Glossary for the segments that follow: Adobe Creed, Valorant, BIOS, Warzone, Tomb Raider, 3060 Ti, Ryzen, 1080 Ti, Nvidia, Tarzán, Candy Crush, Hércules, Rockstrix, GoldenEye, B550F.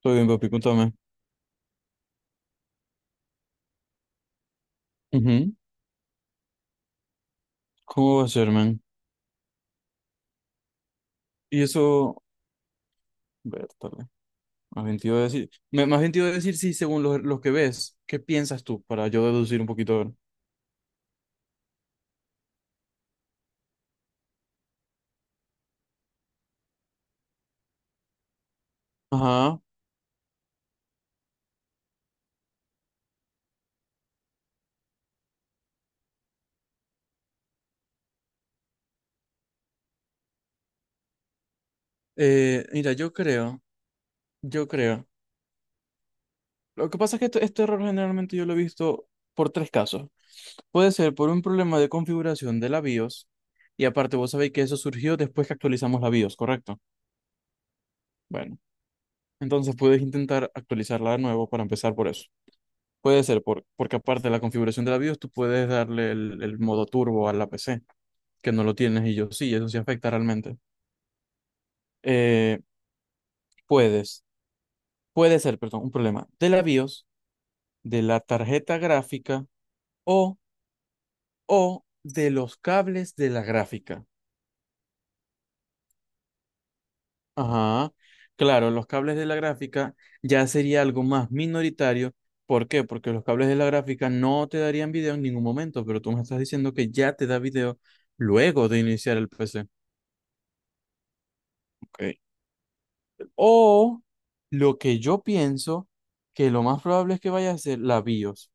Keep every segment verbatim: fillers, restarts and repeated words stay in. Todo bien, papi, contame. Ujú. ¿Cómo va a ser, man? Y eso, vértale, más bien te iba a decir, me- más bien te iba a decir, sí, según los, los que ves, ¿qué piensas tú? Para yo deducir un poquito. A Ajá. Eh, mira, yo creo, yo creo. Lo que pasa es que este, este error generalmente yo lo he visto por tres casos. Puede ser por un problema de configuración de la BIOS, y aparte vos sabéis que eso surgió después que actualizamos la BIOS, ¿correcto? Bueno, entonces puedes intentar actualizarla de nuevo para empezar por eso. Puede ser, por- porque aparte de la configuración de la BIOS, tú puedes darle el, el modo turbo a la P C, que no lo tienes y yo sí, eso sí afecta realmente. Eh, puedes, puede ser, perdón, un problema de la BIOS, de la tarjeta gráfica o, o de los cables de la gráfica. Ajá, claro, los cables de la gráfica ya sería algo más minoritario. ¿Por qué? Porque los cables de la gráfica no te darían video en ningún momento, pero tú me estás diciendo que ya te da video luego de iniciar el P C. Ok. O lo que yo pienso, que lo más probable es que vaya a ser la BIOS.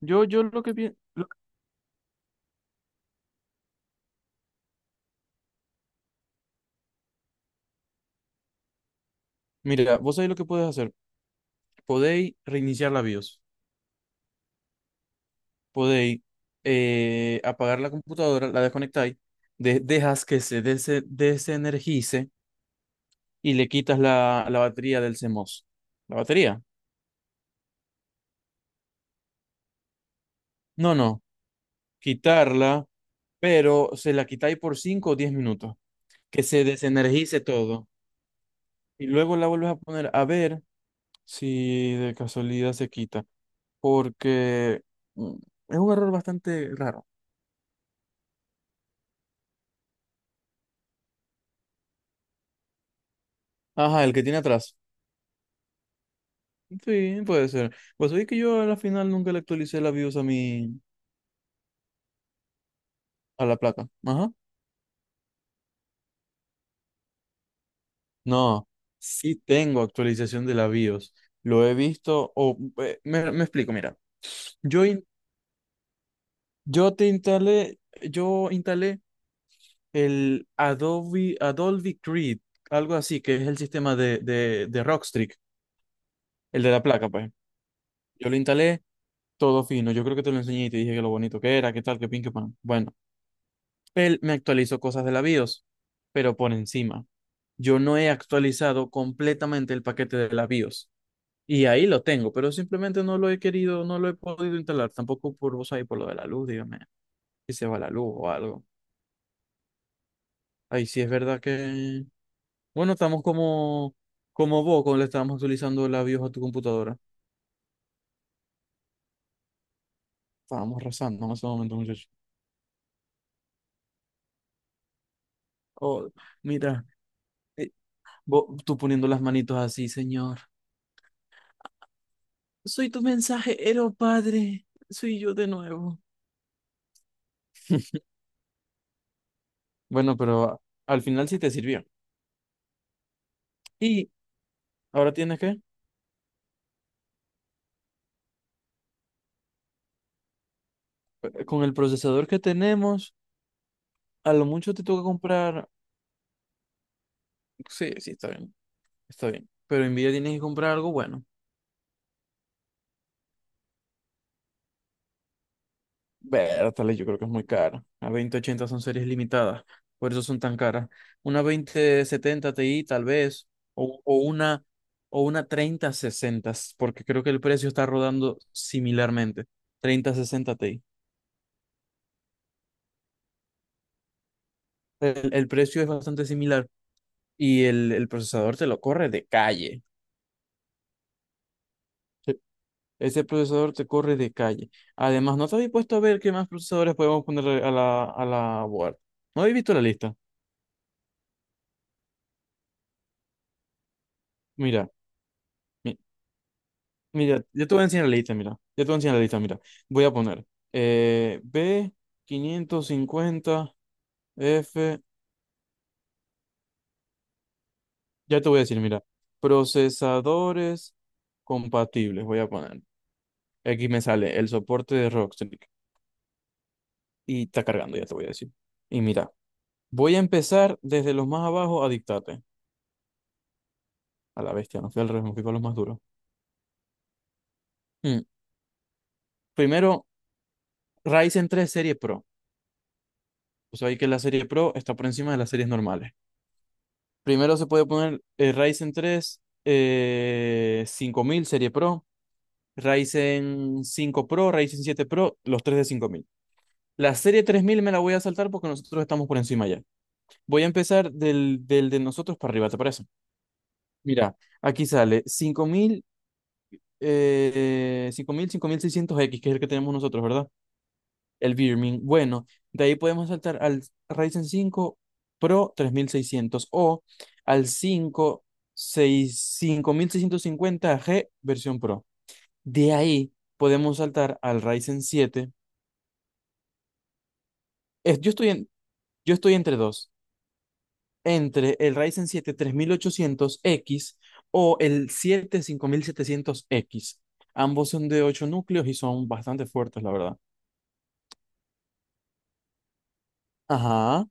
Yo, yo lo que pienso, mira, vos sabéis lo que podéis hacer. Podéis reiniciar la BIOS. Podéis eh, apagar la computadora, la desconectáis, de- dejas que se dese- desenergice y le quitas la, la batería del CMOS. ¿La batería? No, no, quitarla, pero se la quitáis por cinco o diez minutos. Que se desenergice todo. Y luego la vuelves a poner a ver si de casualidad se quita, porque mm, es un error bastante raro. Ajá, el que tiene atrás. Sí, puede ser. Pues oye que yo a la final nunca le actualicé la BIOS a mi, a la placa. Ajá. No, sí tengo actualización de la BIOS. Lo he visto, o eh, me, me explico, mira. Yo, in- yo te instalé, yo instalé el Adobe, Adobe Creed, algo así, que es el sistema de, de, de Rockstrix, el de la placa, pues. Yo lo instalé. Todo fino. Yo creo que te lo enseñé y te dije que lo bonito que era, qué tal, qué pin, qué pan. Bueno, él me actualizó cosas de la BIOS, pero por encima. Yo no he actualizado completamente el paquete de la BIOS. Y ahí lo tengo, pero simplemente no lo he querido, no lo he podido instalar. Tampoco por vos ahí, por lo de la luz, dígame, si se va la luz o algo. Ahí sí es verdad que... Bueno, estamos como, como vos cuando le estábamos actualizando la BIOS a tu computadora. Estábamos rezando en ese momento, muchachos. Oh, mira, eh, vos, tú poniendo las manitos así, señor. Soy tu mensajero, padre. Soy yo de nuevo. Bueno, pero al final sí te sirvió. Y ahora tienes que, con el procesador que tenemos, a lo mucho te toca comprar. Sí, sí, está bien, está bien. Pero Nvidia tienes que comprar algo bueno. Bertale, yo creo que es muy caro. A veinte ochenta son series limitadas, por eso son tan caras. Una veinte setenta Ti tal vez, o, o una, o una treinta sesenta, porque creo que el precio está rodando similarmente. Treinta sesenta Ti. El, el precio es bastante similar y el, el procesador te lo corre de calle. Sí. Ese procesador te corre de calle. Además, no te habéis puesto a ver qué más procesadores podemos ponerle a la, a la board. ¿No habéis visto la lista? Mira, mi- mira, yo te voy a enseñar la lista, mira. Yo te voy a enseñar la lista, mira. Voy a poner eh, B quinientos cincuenta F. Ya te voy a decir, mira. Procesadores compatibles, voy a poner. Aquí me sale el soporte de Rockstrix. Y está cargando, ya te voy a decir. Y mira, voy a empezar desde los más abajo a dictarte. A la bestia, no fui al revés, me fui con los más duros. Mm. Primero, Ryzen tres Serie Pro. O sea, hay que la Serie Pro está por encima de las series normales. Primero se puede poner eh, Ryzen tres eh, cinco mil Serie Pro, Ryzen cinco Pro, Ryzen siete Pro, los tres de cinco mil. La serie tres mil me la voy a saltar porque nosotros estamos por encima ya. Voy a empezar del, del de nosotros para arriba, ¿te parece? Mira, aquí sale cinco mil eh, cinco mil cinco mil seiscientos x que es el que tenemos nosotros, ¿verdad? El Birmin. Bueno, de ahí podemos saltar al Ryzen cinco Pro tres mil seiscientos o al cinco cinco seis cinco mil seiscientos cincuenta g versión Pro. De ahí podemos saltar al Ryzen siete. Es- yo estoy en- yo estoy entre dos, entre el Ryzen siete tres mil ochocientos x o el siete cinco mil setecientos x. Ambos son de ocho núcleos y son bastante fuertes, la verdad. Ajá.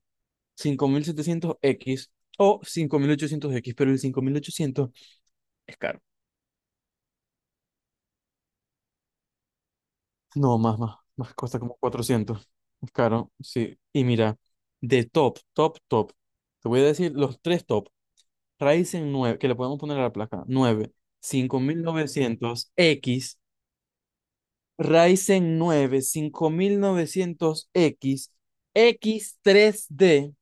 Cinco mil setecientos x o cinco mil ochocientos x, pero el cinco mil ochocientos es caro. No, más, más, más cuesta como cuatrocientos. Es caro, sí. Y mira, de top, top, top. Te voy a decir los tres top. Ryzen nueve que le podemos poner a la placa, nueve cinco mil novecientos x. Ryzen nueve cinco mil novecientos x x tres d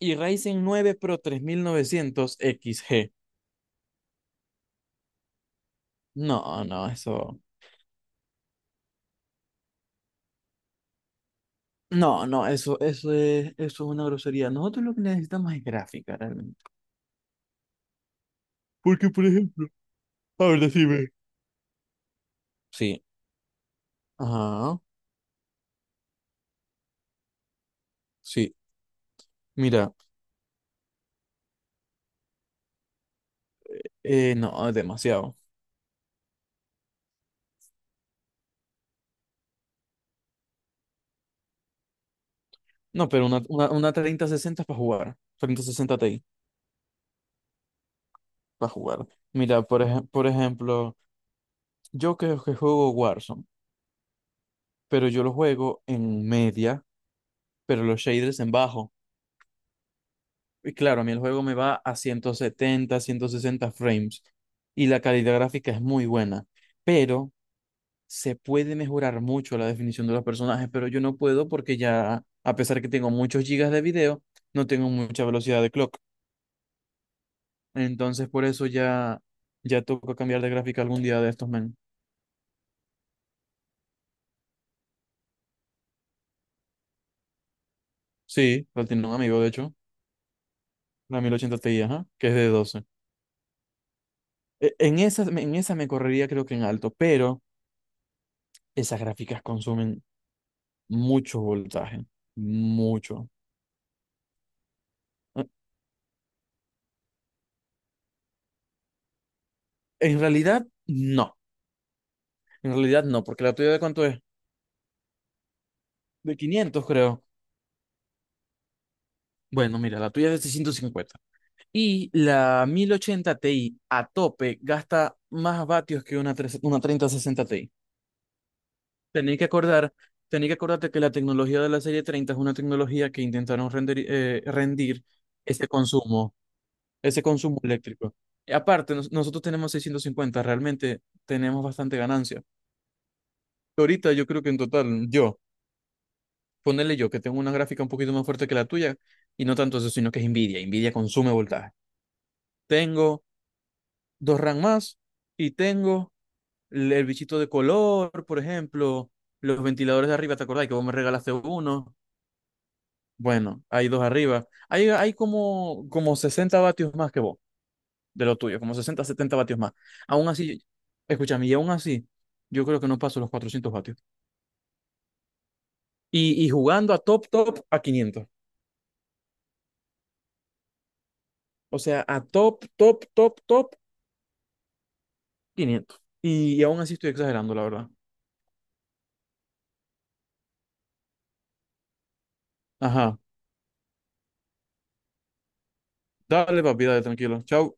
y Ryzen nueve Pro tres mil novecientos X G. No, no, eso. No, no, eso, eso es, eso es una grosería. Nosotros lo que necesitamos es gráfica, realmente. Porque, por ejemplo, a ver, decime. Sí, ajá, sí. Mira, eh, no, es demasiado. No, pero una, una, una treinta sesenta es para jugar. Treinta sesenta Ti para jugar. Mira, por, ej- por ejemplo, yo que, que juego Warzone, pero yo lo juego en media, pero los shaders en bajo. Y claro, a mí el juego me va a ciento setenta ciento sesenta frames y la calidad gráfica es muy buena. Pero se puede mejorar mucho la definición de los personajes, pero yo no puedo porque ya, a pesar que tengo muchos gigas de video, no tengo mucha velocidad de clock. Entonces, por eso ya, ya toca cambiar de gráfica algún día de estos, men. Sí, la tiene un amigo, de hecho, la mil ochenta Ti, ajá, que es de doce. E- En esa, en esa me correría creo que en alto, pero esas gráficas consumen mucho voltaje, mucho. Eh, En realidad, no. En realidad no, porque la tuya, ¿de cuánto es? De quinientos creo. Bueno, mira, la tuya es de seiscientos cincuenta y la mil ochenta Ti a tope gasta más vatios que una, tres- una treinta sesenta Ti. Tenéis que acordar, tenéis que acordarte que la tecnología de la serie treinta es una tecnología que intentaron render- eh, rendir ese consumo, ese consumo eléctrico. Y aparte, nos- nosotros tenemos seiscientos cincuenta, realmente tenemos bastante ganancia. Ahorita yo creo que en total, yo, ponerle yo, que tengo una gráfica un poquito más fuerte que la tuya, y no tanto eso, sino que es Nvidia. Nvidia consume voltaje. Tengo dos RAM más y tengo el, el bichito de color, por ejemplo, los ventiladores de arriba, ¿te acordás que vos me regalaste uno? Bueno, hay dos arriba. Hay, hay como, como sesenta vatios más que vos, de lo tuyo, como sesenta setenta vatios más. Aún así, escúchame, y aún así, yo creo que no paso los cuatrocientos vatios. Y, y jugando a top, top, a quinientos. O sea, a top, top, top, top, quinientos. Y, y aún así estoy exagerando, la verdad. Ajá. Dale, papi, dale, tranquilo. Chao.